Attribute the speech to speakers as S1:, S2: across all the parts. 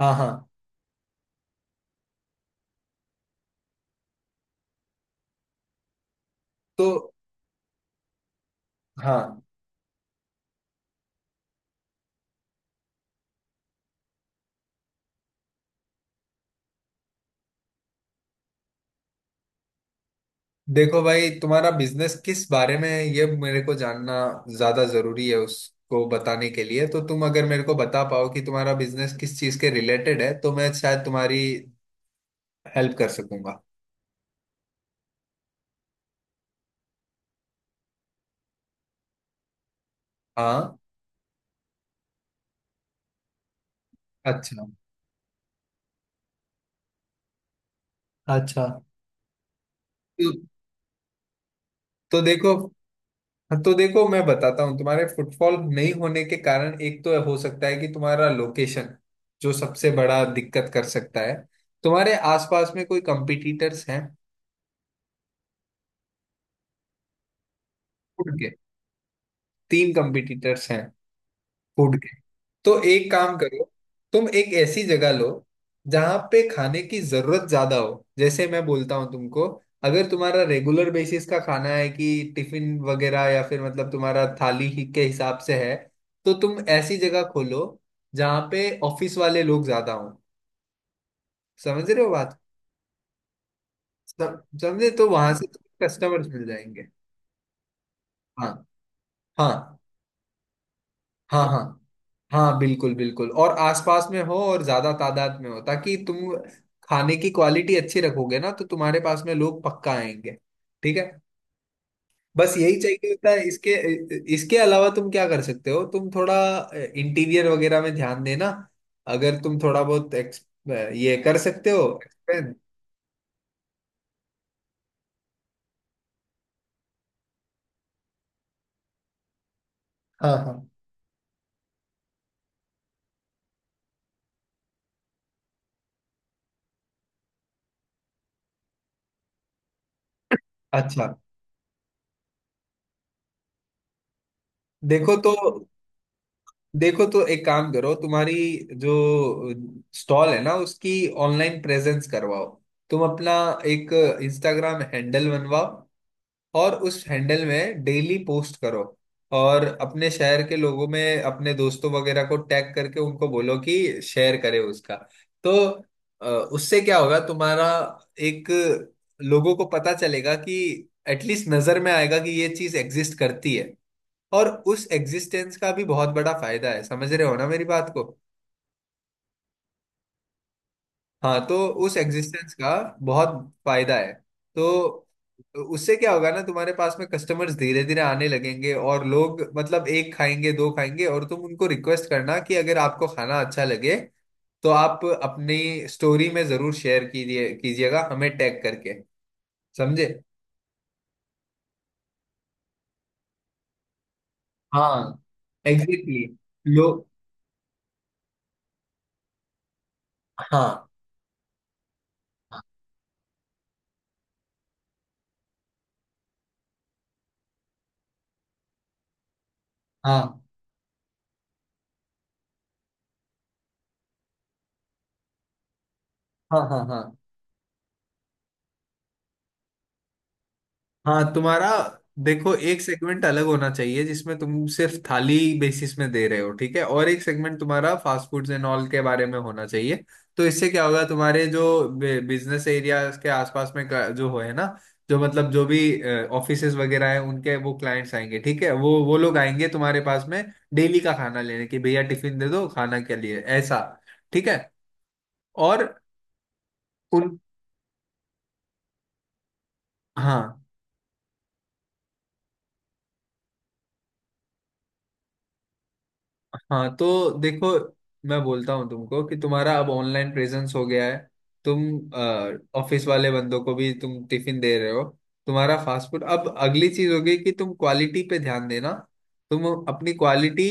S1: हाँ हाँ। तो हाँ, देखो भाई, तुम्हारा बिजनेस किस बारे में है ये मेरे को जानना ज्यादा जरूरी है उसको बताने के लिए। तो तुम अगर मेरे को बता पाओ कि तुम्हारा बिजनेस किस चीज के रिलेटेड है तो मैं शायद तुम्हारी हेल्प कर सकूंगा। हाँ। अच्छा। अच्छा। तो, तो देखो तो देखो, मैं बताता हूँ तुम्हारे फुटफॉल नहीं होने के कारण एक तो हो सकता है कि तुम्हारा लोकेशन जो सबसे बड़ा दिक्कत कर सकता है। तुम्हारे आसपास में कोई कंपिटिटर्स हैं? तीन कंपिटिटर्स हैं फूड के। तो एक काम करो, तुम एक ऐसी जगह लो जहां पे खाने की जरूरत ज्यादा हो। जैसे मैं बोलता हूँ तुमको, अगर तुम्हारा रेगुलर बेसिस का खाना है कि टिफिन वगैरह, या फिर मतलब तुम्हारा थाली ही के हिसाब से है, तो तुम ऐसी जगह खोलो जहाँ पे ऑफिस वाले लोग ज्यादा हो। समझ रहे हो बात? समझे तो वहां से कस्टमर्स मिल जाएंगे। हाँ हाँ हाँ हाँ हाँ। बिल्कुल बिल्कुल, और आसपास में हो और ज्यादा तादाद में हो ताकि तुम खाने की क्वालिटी अच्छी रखोगे ना तो तुम्हारे पास में लोग पक्का आएंगे। ठीक है। बस यही चाहिए होता है। इसके इसके अलावा तुम क्या कर सकते हो, तुम थोड़ा इंटीरियर वगैरह में ध्यान देना। अगर तुम थोड़ा बहुत ये कर सकते हो। हाँ हाँ। अच्छा। देखो तो देखो तो एक काम करो, तुम्हारी जो स्टॉल है ना उसकी ऑनलाइन प्रेजेंस करवाओ। तुम अपना एक इंस्टाग्राम हैंडल बनवाओ और उस हैंडल में डेली पोस्ट करो। और अपने शहर के लोगों में अपने दोस्तों वगैरह को टैग करके उनको बोलो कि शेयर करे उसका। तो उससे क्या होगा, तुम्हारा एक, लोगों को पता चलेगा कि एटलीस्ट नजर में आएगा कि ये चीज एग्जिस्ट करती है। और उस एग्जिस्टेंस का भी बहुत बड़ा फायदा है। समझ रहे हो ना मेरी बात को? हाँ। तो उस एग्जिस्टेंस का बहुत फायदा है। तो उससे क्या होगा ना, तुम्हारे पास में कस्टमर्स धीरे धीरे आने लगेंगे और लोग मतलब एक खाएंगे दो खाएंगे। और तुम उनको रिक्वेस्ट करना कि अगर आपको खाना अच्छा लगे तो आप अपनी स्टोरी में जरूर शेयर कीजिए, कीजिएगा हमें टैग करके। समझे? हाँ एग्जैक्टली लोग। हाँ हाँ हाँ हाँ हाँ हाँ हाँ। तुम्हारा देखो, एक सेगमेंट अलग होना चाहिए जिसमें तुम सिर्फ थाली बेसिस में दे रहे हो, ठीक है, और एक सेगमेंट तुम्हारा फास्ट फूड्स एंड ऑल के बारे में होना चाहिए। तो इससे क्या होगा, तुम्हारे जो बिजनेस एरिया के आसपास में जो है ना, जो मतलब जो भी ऑफिसेज वगैरह हैं उनके वो क्लाइंट्स आएंगे। ठीक है, वो लोग आएंगे तुम्हारे पास में डेली का खाना लेने कि भैया टिफिन दे दो खाना के लिए, ऐसा। ठीक है और उन। हाँ हाँ। तो देखो, मैं बोलता हूँ तुमको कि तुम्हारा अब ऑनलाइन प्रेजेंस हो गया है, तुम ऑफिस वाले बंदों को भी तुम टिफिन दे रहे हो, तुम्हारा फास्ट फूड। अब अगली चीज होगी कि तुम क्वालिटी पे ध्यान देना। तुम अपनी क्वालिटी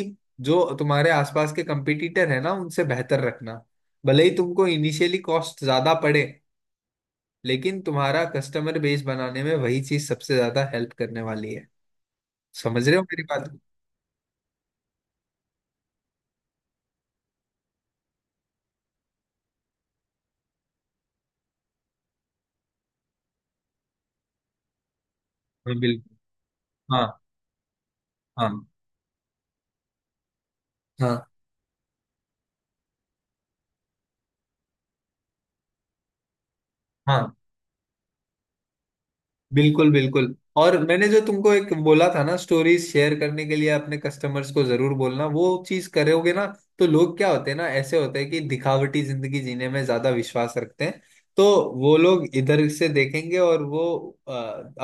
S1: जो तुम्हारे आसपास के कंपटीटर है ना उनसे बेहतर रखना। भले ही तुमको इनिशियली कॉस्ट ज्यादा पड़े, लेकिन तुम्हारा कस्टमर बेस बनाने में वही चीज सबसे ज्यादा हेल्प करने वाली है। समझ रहे हो मेरी बात? हाँ बिल्कुल। हाँ हाँ हाँ हाँ। बिल्कुल बिल्कुल, और मैंने जो तुमको एक बोला था ना स्टोरीज शेयर करने के लिए अपने कस्टमर्स को जरूर बोलना, वो चीज करोगे ना? तो लोग क्या होते हैं ना, ऐसे होते हैं कि दिखावटी जिंदगी जीने में ज्यादा विश्वास रखते हैं। तो वो लोग इधर से देखेंगे और वो अ,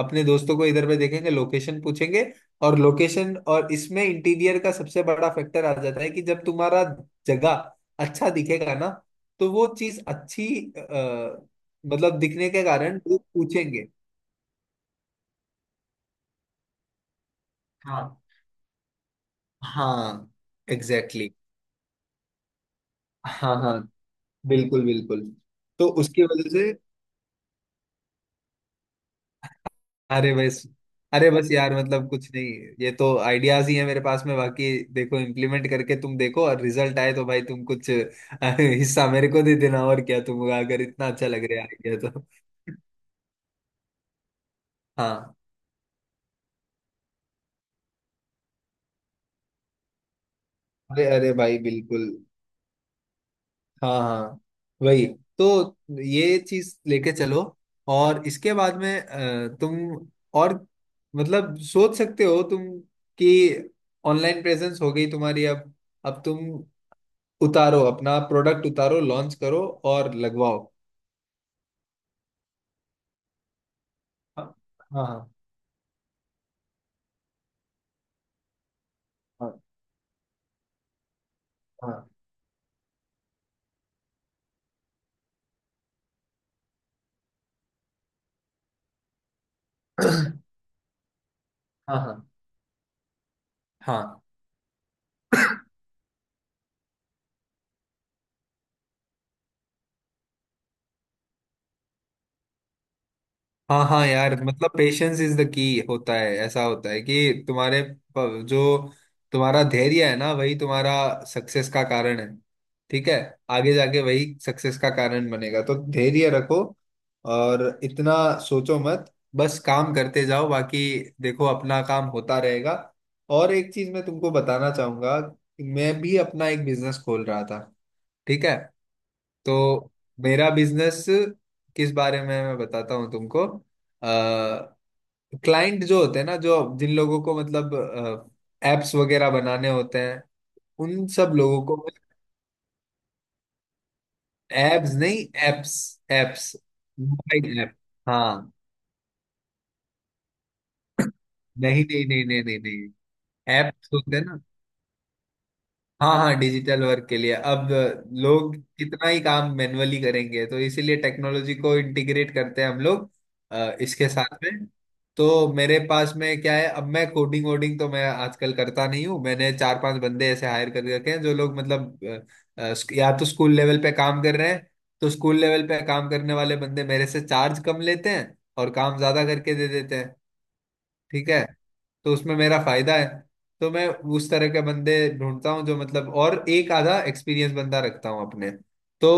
S1: अपने दोस्तों को इधर पे देखेंगे, लोकेशन पूछेंगे। और लोकेशन, और इसमें इंटीरियर का सबसे बड़ा फैक्टर आ जाता है कि जब तुम्हारा जगह अच्छा दिखेगा ना, तो वो चीज अच्छी अ, मतलब दिखने के कारण लोग पूछेंगे। हाँ एग्जैक्टली exactly। हाँ हाँ बिल्कुल बिल्कुल। तो उसकी वजह से। अरे बस। अरे बस यार, मतलब कुछ नहीं, ये तो आइडियाज ही है मेरे पास में। बाकी देखो, इम्प्लीमेंट करके तुम देखो, और रिजल्ट आए तो भाई तुम कुछ हिस्सा मेरे को दे देना। और क्या, तुम अगर इतना अच्छा लग रहा है आइडिया तो। हाँ। अरे अरे भाई बिल्कुल। हाँ हाँ। वही। तो ये चीज लेके चलो, और इसके बाद में तुम और मतलब सोच सकते हो तुम कि ऑनलाइन प्रेजेंस हो गई तुम्हारी। अब तुम उतारो अपना प्रोडक्ट, उतारो लॉन्च करो और लगवाओ। हाँ हाँ हाँ हाँ हाँ हाँ हाँ। हाँ। हाँ हाँ यार, मतलब पेशेंस इज द की होता है। ऐसा होता है कि तुम्हारे जो तुम्हारा धैर्य है ना वही तुम्हारा सक्सेस का कारण है। ठीक है, आगे जाके वही सक्सेस का कारण बनेगा। तो धैर्य रखो, और इतना सोचो मत, बस काम करते जाओ, बाकी देखो अपना काम होता रहेगा। और एक चीज मैं तुमको बताना चाहूंगा, मैं भी अपना एक बिजनेस खोल रहा था, ठीक है। तो मेरा बिजनेस किस बारे में है मैं बताता हूँ तुमको। क्लाइंट जो होते हैं ना, जो जिन लोगों को मतलब एप्स वगैरह बनाने होते हैं उन सब लोगों को। एप्स नहीं, एप्स। एप्स। Mobile app. हाँ। नहीं नहीं नहीं नहीं नहीं नहीं। ऐप्स होते हैं ना। हाँ हाँ डिजिटल वर्क के लिए। अब लोग कितना ही काम मैन्युअली करेंगे, तो इसीलिए टेक्नोलॉजी को इंटीग्रेट करते हैं हम लोग इसके साथ में। तो मेरे पास में क्या है, अब मैं कोडिंग वोडिंग तो मैं आजकल करता नहीं हूँ। मैंने चार पांच बंदे ऐसे हायर कर रखे हैं जो लोग मतलब या तो स्कूल लेवल पे काम कर रहे हैं। तो स्कूल लेवल पे काम करने वाले बंदे मेरे से चार्ज कम लेते हैं और काम ज्यादा करके दे देते हैं। ठीक है, तो उसमें मेरा फायदा है। तो मैं उस तरह के बंदे ढूंढता हूँ जो मतलब, और एक आधा एक्सपीरियंस बंदा रखता हूँ अपने। तो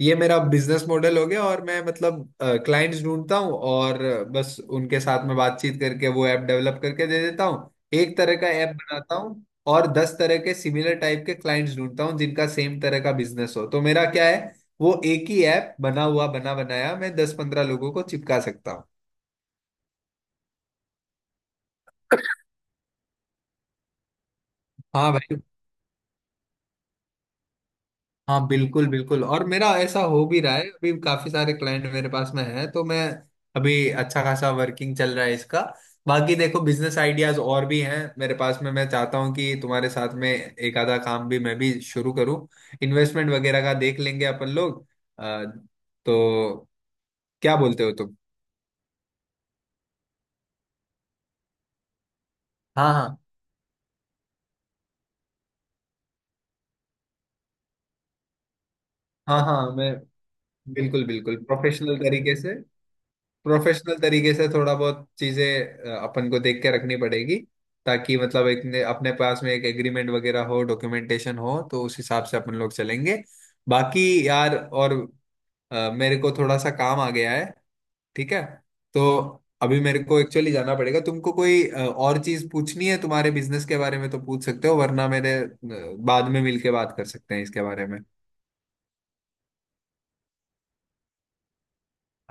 S1: ये मेरा बिजनेस मॉडल हो गया, और मैं मतलब क्लाइंट्स ढूंढता हूँ और बस उनके साथ में बातचीत करके वो ऐप डेवलप करके दे देता हूँ। एक तरह का ऐप बनाता हूँ और दस तरह के सिमिलर टाइप के क्लाइंट्स ढूंढता हूँ जिनका सेम तरह का बिजनेस हो, तो मेरा क्या है, वो एक ही ऐप बना हुआ बना बनाया मैं 10-15 लोगों को चिपका सकता हूँ। हाँ भाई। हाँ बिल्कुल बिल्कुल, और मेरा ऐसा हो भी रहा है, अभी काफी सारे क्लाइंट मेरे पास में है तो मैं अभी अच्छा खासा वर्किंग चल रहा है इसका। बाकी देखो, बिजनेस आइडियाज और भी हैं मेरे पास में, मैं चाहता हूँ कि तुम्हारे साथ में एक आधा काम भी मैं भी शुरू करूँ। इन्वेस्टमेंट वगैरह का देख लेंगे अपन लोग। अ, तो क्या बोलते हो तुम? हाँ हाँ हाँ हाँ मैं बिल्कुल बिल्कुल। प्रोफेशनल तरीके से, प्रोफेशनल तरीके से थोड़ा बहुत चीजें अपन को देख के रखनी पड़ेगी। ताकि मतलब एक अपने पास में एक एग्रीमेंट वगैरह हो, डॉक्यूमेंटेशन हो, तो उस हिसाब से अपन लोग चलेंगे। बाकी यार, और मेरे को थोड़ा सा काम आ गया है, ठीक है। तो अभी मेरे को एक्चुअली जाना पड़ेगा। तुमको कोई और चीज पूछनी है तुम्हारे बिजनेस के बारे में तो पूछ सकते हो, वरना मेरे बाद में मिलके बात कर सकते हैं इसके बारे में।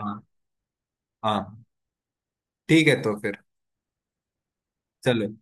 S1: हाँ हाँ। ठीक है तो फिर चलो।